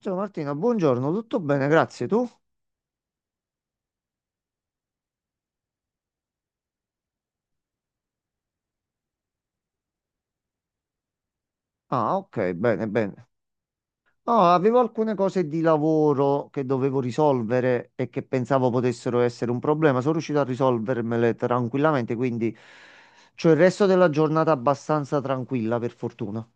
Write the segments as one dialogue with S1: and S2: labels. S1: Ciao Martina, buongiorno, tutto bene, grazie. Tu? Ah, ok, bene, bene. No, avevo alcune cose di lavoro che dovevo risolvere e che pensavo potessero essere un problema. Sono riuscito a risolvermele tranquillamente, quindi c'ho il resto della giornata abbastanza tranquilla, per fortuna.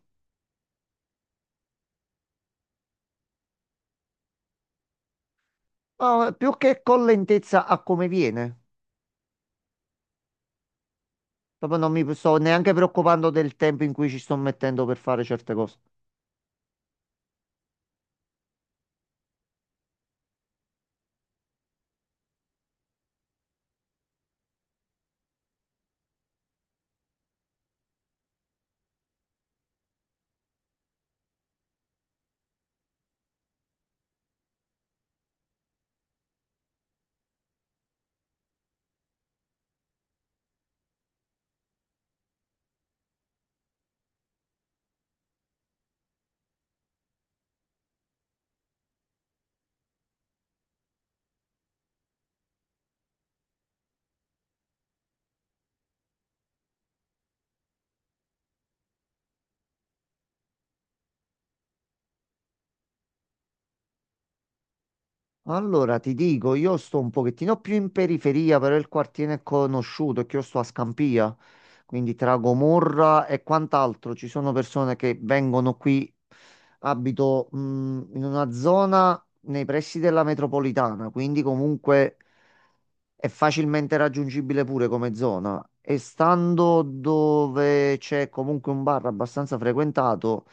S1: Ma più che con lentezza a come viene, proprio non mi sto neanche preoccupando del tempo in cui ci sto mettendo per fare certe cose. Allora, ti dico, io sto un pochettino più in periferia, però il quartiere è conosciuto, è che io sto a Scampia, quindi tra Gomorra e quant'altro. Ci sono persone che vengono qui, abito, in una zona nei pressi della metropolitana, quindi comunque è facilmente raggiungibile pure come zona. E stando dove c'è comunque un bar abbastanza frequentato,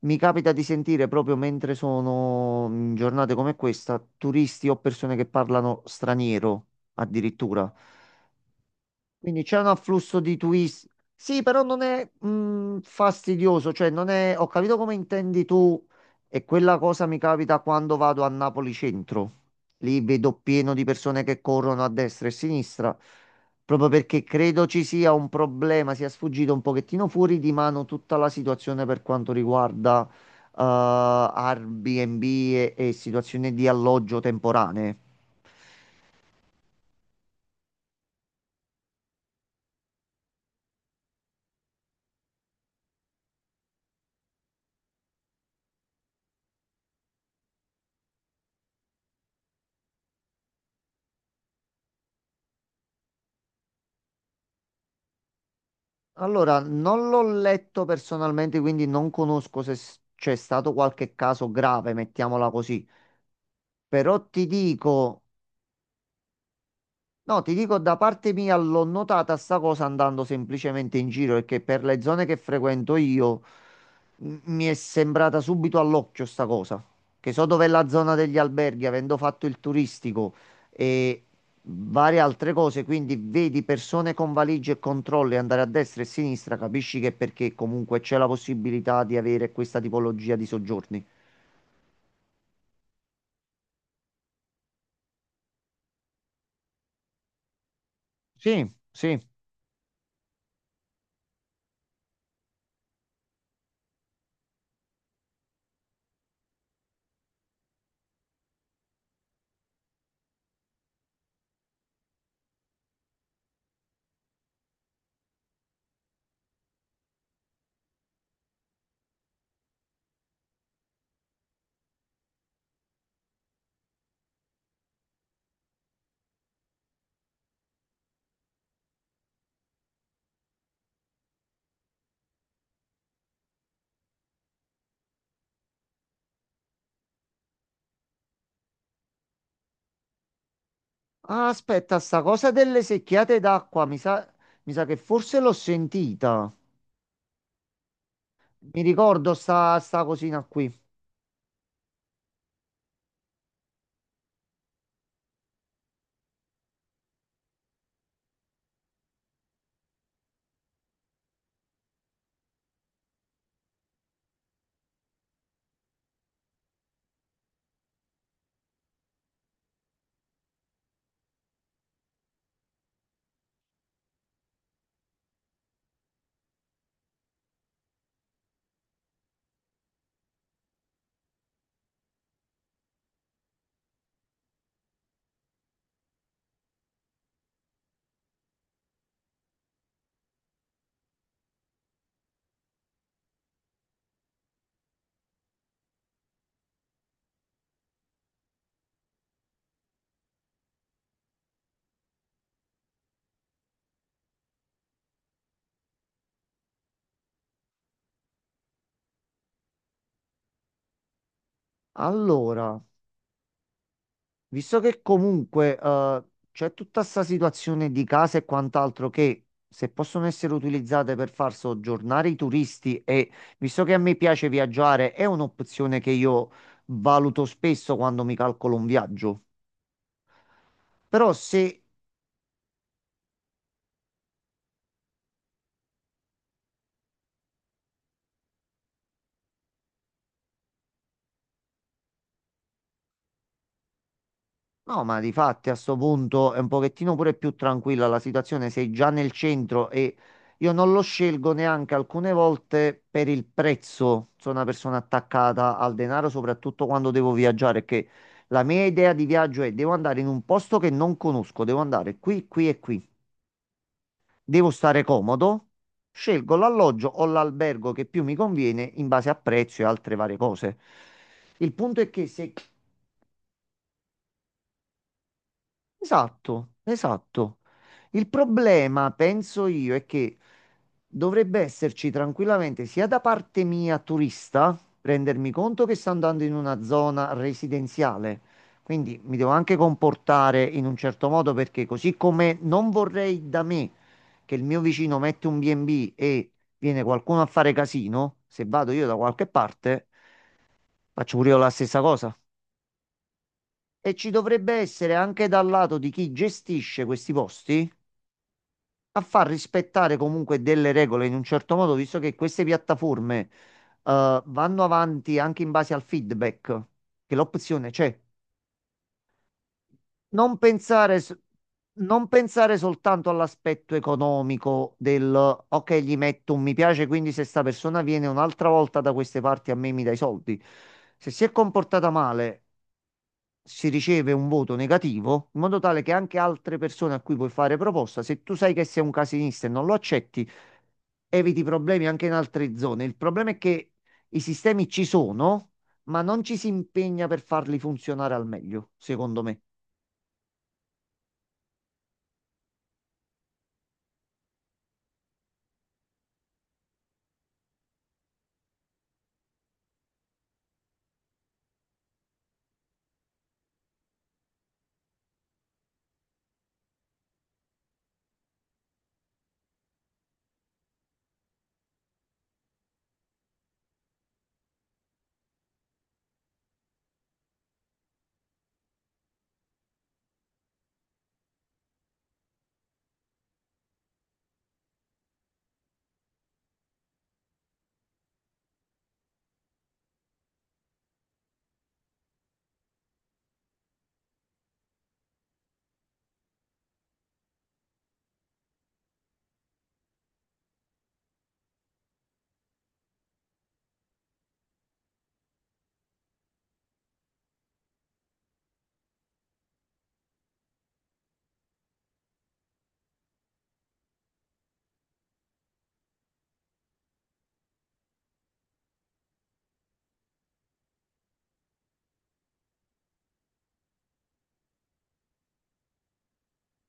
S1: mi capita di sentire proprio mentre sono in giornate come questa, turisti o persone che parlano straniero addirittura. Quindi c'è un afflusso di twist. Sì, però non è fastidioso, cioè non è... Ho capito come intendi tu e quella cosa mi capita quando vado a Napoli centro. Lì vedo pieno di persone che corrono a destra e a sinistra, proprio perché credo ci sia un problema, sia sfuggito un pochettino fuori di mano tutta la situazione per quanto riguarda eh, Airbnb e situazioni di alloggio temporanee. Allora, non l'ho letto personalmente, quindi non conosco se c'è stato qualche caso grave, mettiamola così. Però ti dico, no, ti dico, da parte mia l'ho notata sta cosa andando semplicemente in giro, perché per le zone che frequento io mi è sembrata subito all'occhio sta cosa, che so dov'è la zona degli alberghi, avendo fatto il turistico e varie altre cose, quindi vedi persone con valigie e controlli andare a destra e a sinistra, capisci che è perché comunque c'è la possibilità di avere questa tipologia di soggiorni. Sì, sì. Ah, aspetta, sta cosa delle secchiate d'acqua, mi sa che forse l'ho sentita. Mi ricordo sta cosina qui. Allora, visto che comunque c'è tutta sta situazione di case e quant'altro che se possono essere utilizzate per far soggiornare i turisti e visto che a me piace viaggiare, è un'opzione che io valuto spesso quando mi calcolo un viaggio. Però se No, ma di fatti a sto punto è un pochettino pure più tranquilla la situazione, sei già nel centro e io non lo scelgo neanche alcune volte per il prezzo. Sono una persona attaccata al denaro, soprattutto quando devo viaggiare, perché la mia idea di viaggio è devo andare in un posto che non conosco, devo andare qui, qui e qui. Devo stare comodo, scelgo l'alloggio o l'albergo che più mi conviene in base a prezzo e altre varie cose. Il punto è che se Esatto, esatto. Il problema, penso io, è che dovrebbe esserci tranquillamente sia da parte mia turista, rendermi conto che sto andando in una zona residenziale, quindi mi devo anche comportare in un certo modo perché così come non vorrei da me che il mio vicino mette un B&B e B e viene qualcuno a fare casino, se vado io da qualche parte, faccio pure io la stessa cosa. E ci dovrebbe essere anche dal lato di chi gestisce questi posti a far rispettare comunque delle regole in un certo modo, visto che queste piattaforme vanno avanti anche in base al feedback, che l'opzione c'è. Non pensare, s- non pensare soltanto all'aspetto economico del ok, gli metto un mi piace, quindi se sta persona viene un'altra volta da queste parti a me mi dai i soldi. Se si è comportata male si riceve un voto negativo, in modo tale che anche altre persone a cui puoi fare proposta, se tu sai che sei un casinista e non lo accetti, eviti problemi anche in altre zone. Il problema è che i sistemi ci sono, ma non ci si impegna per farli funzionare al meglio, secondo me.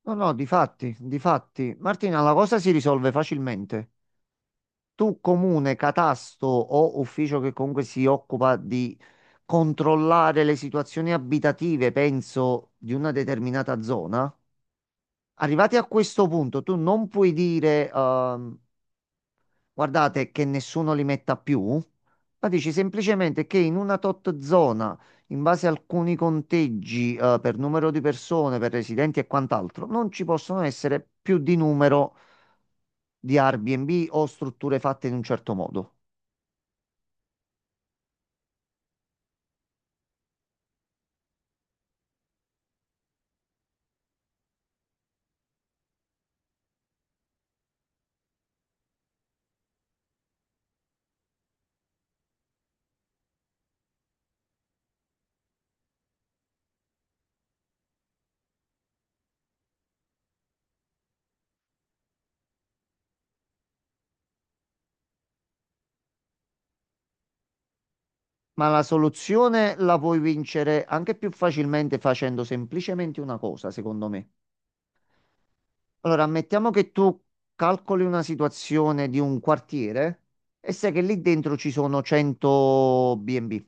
S1: No, no, difatti, difatti. Martina, la cosa si risolve facilmente. Tu, comune, catasto o ufficio che comunque si occupa di controllare le situazioni abitative, penso, di una determinata zona. Arrivati a questo punto, tu non puoi dire, guardate che nessuno li metta più, ma dici semplicemente che in una tot zona, in base a alcuni conteggi, per numero di persone, per residenti e quant'altro, non ci possono essere più di numero di Airbnb o strutture fatte in un certo modo. Ma la soluzione la puoi vincere anche più facilmente facendo semplicemente una cosa, secondo me. Allora, ammettiamo che tu calcoli una situazione di un quartiere e sai che lì dentro ci sono 100 B&B.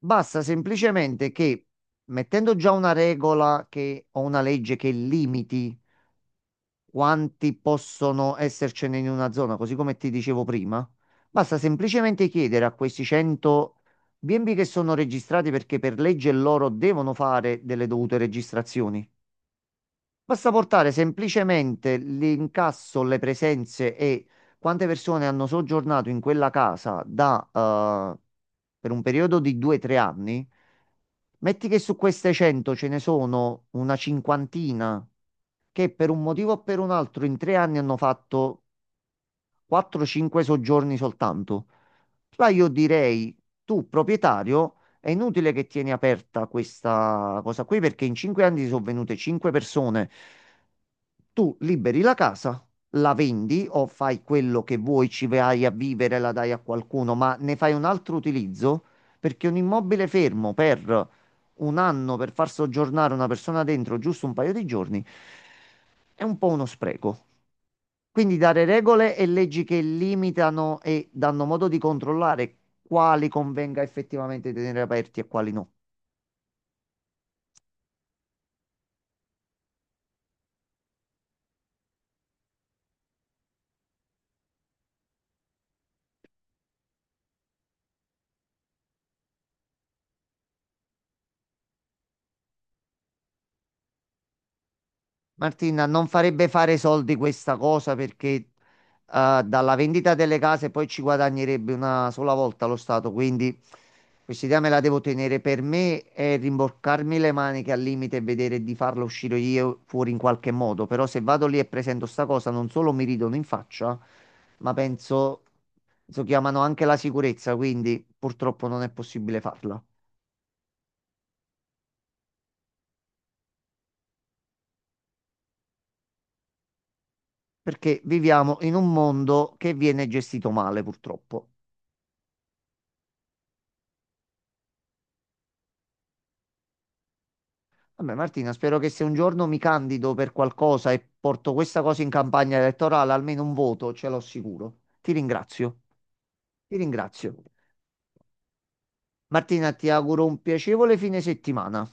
S1: Basta semplicemente che, mettendo già una regola che, o una legge che limiti quanti possono essercene in una zona, così come ti dicevo prima, basta semplicemente chiedere a questi 100 B&B che sono registrati perché per legge loro devono fare delle dovute registrazioni. Basta portare semplicemente l'incasso, le presenze e quante persone hanno soggiornato in quella casa da, per un periodo di 2-3 anni. Metti che su queste 100 ce ne sono una cinquantina che per un motivo o per un altro in 3 anni hanno fatto 4-5 soggiorni soltanto. Là io direi, tu proprietario, è inutile che tieni aperta questa cosa qui perché in 5 anni ti sono venute cinque persone. Tu liberi la casa, la vendi o fai quello che vuoi, ci vai a vivere, la dai a qualcuno, ma ne fai un altro utilizzo perché un immobile fermo per un anno per far soggiornare una persona dentro giusto un paio di giorni è un po' uno spreco. Quindi dare regole e leggi che limitano e danno modo di controllare quali convenga effettivamente tenere aperti e quali no. Martina, non farebbe fare soldi questa cosa perché dalla vendita delle case poi ci guadagnerebbe una sola volta lo Stato, quindi questa idea me la devo tenere per me e rimboccarmi le maniche al limite e vedere di farla uscire io fuori in qualche modo. Però se vado lì e presento sta cosa, non solo mi ridono in faccia, ma penso chiamano anche la sicurezza, quindi purtroppo non è possibile farla. Perché viviamo in un mondo che viene gestito male, purtroppo. Vabbè, Martina, spero che se un giorno mi candido per qualcosa e porto questa cosa in campagna elettorale, almeno un voto ce l'ho sicuro. Ti ringrazio, ti ringrazio. Martina, ti auguro un piacevole fine settimana.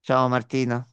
S1: Ciao Martina.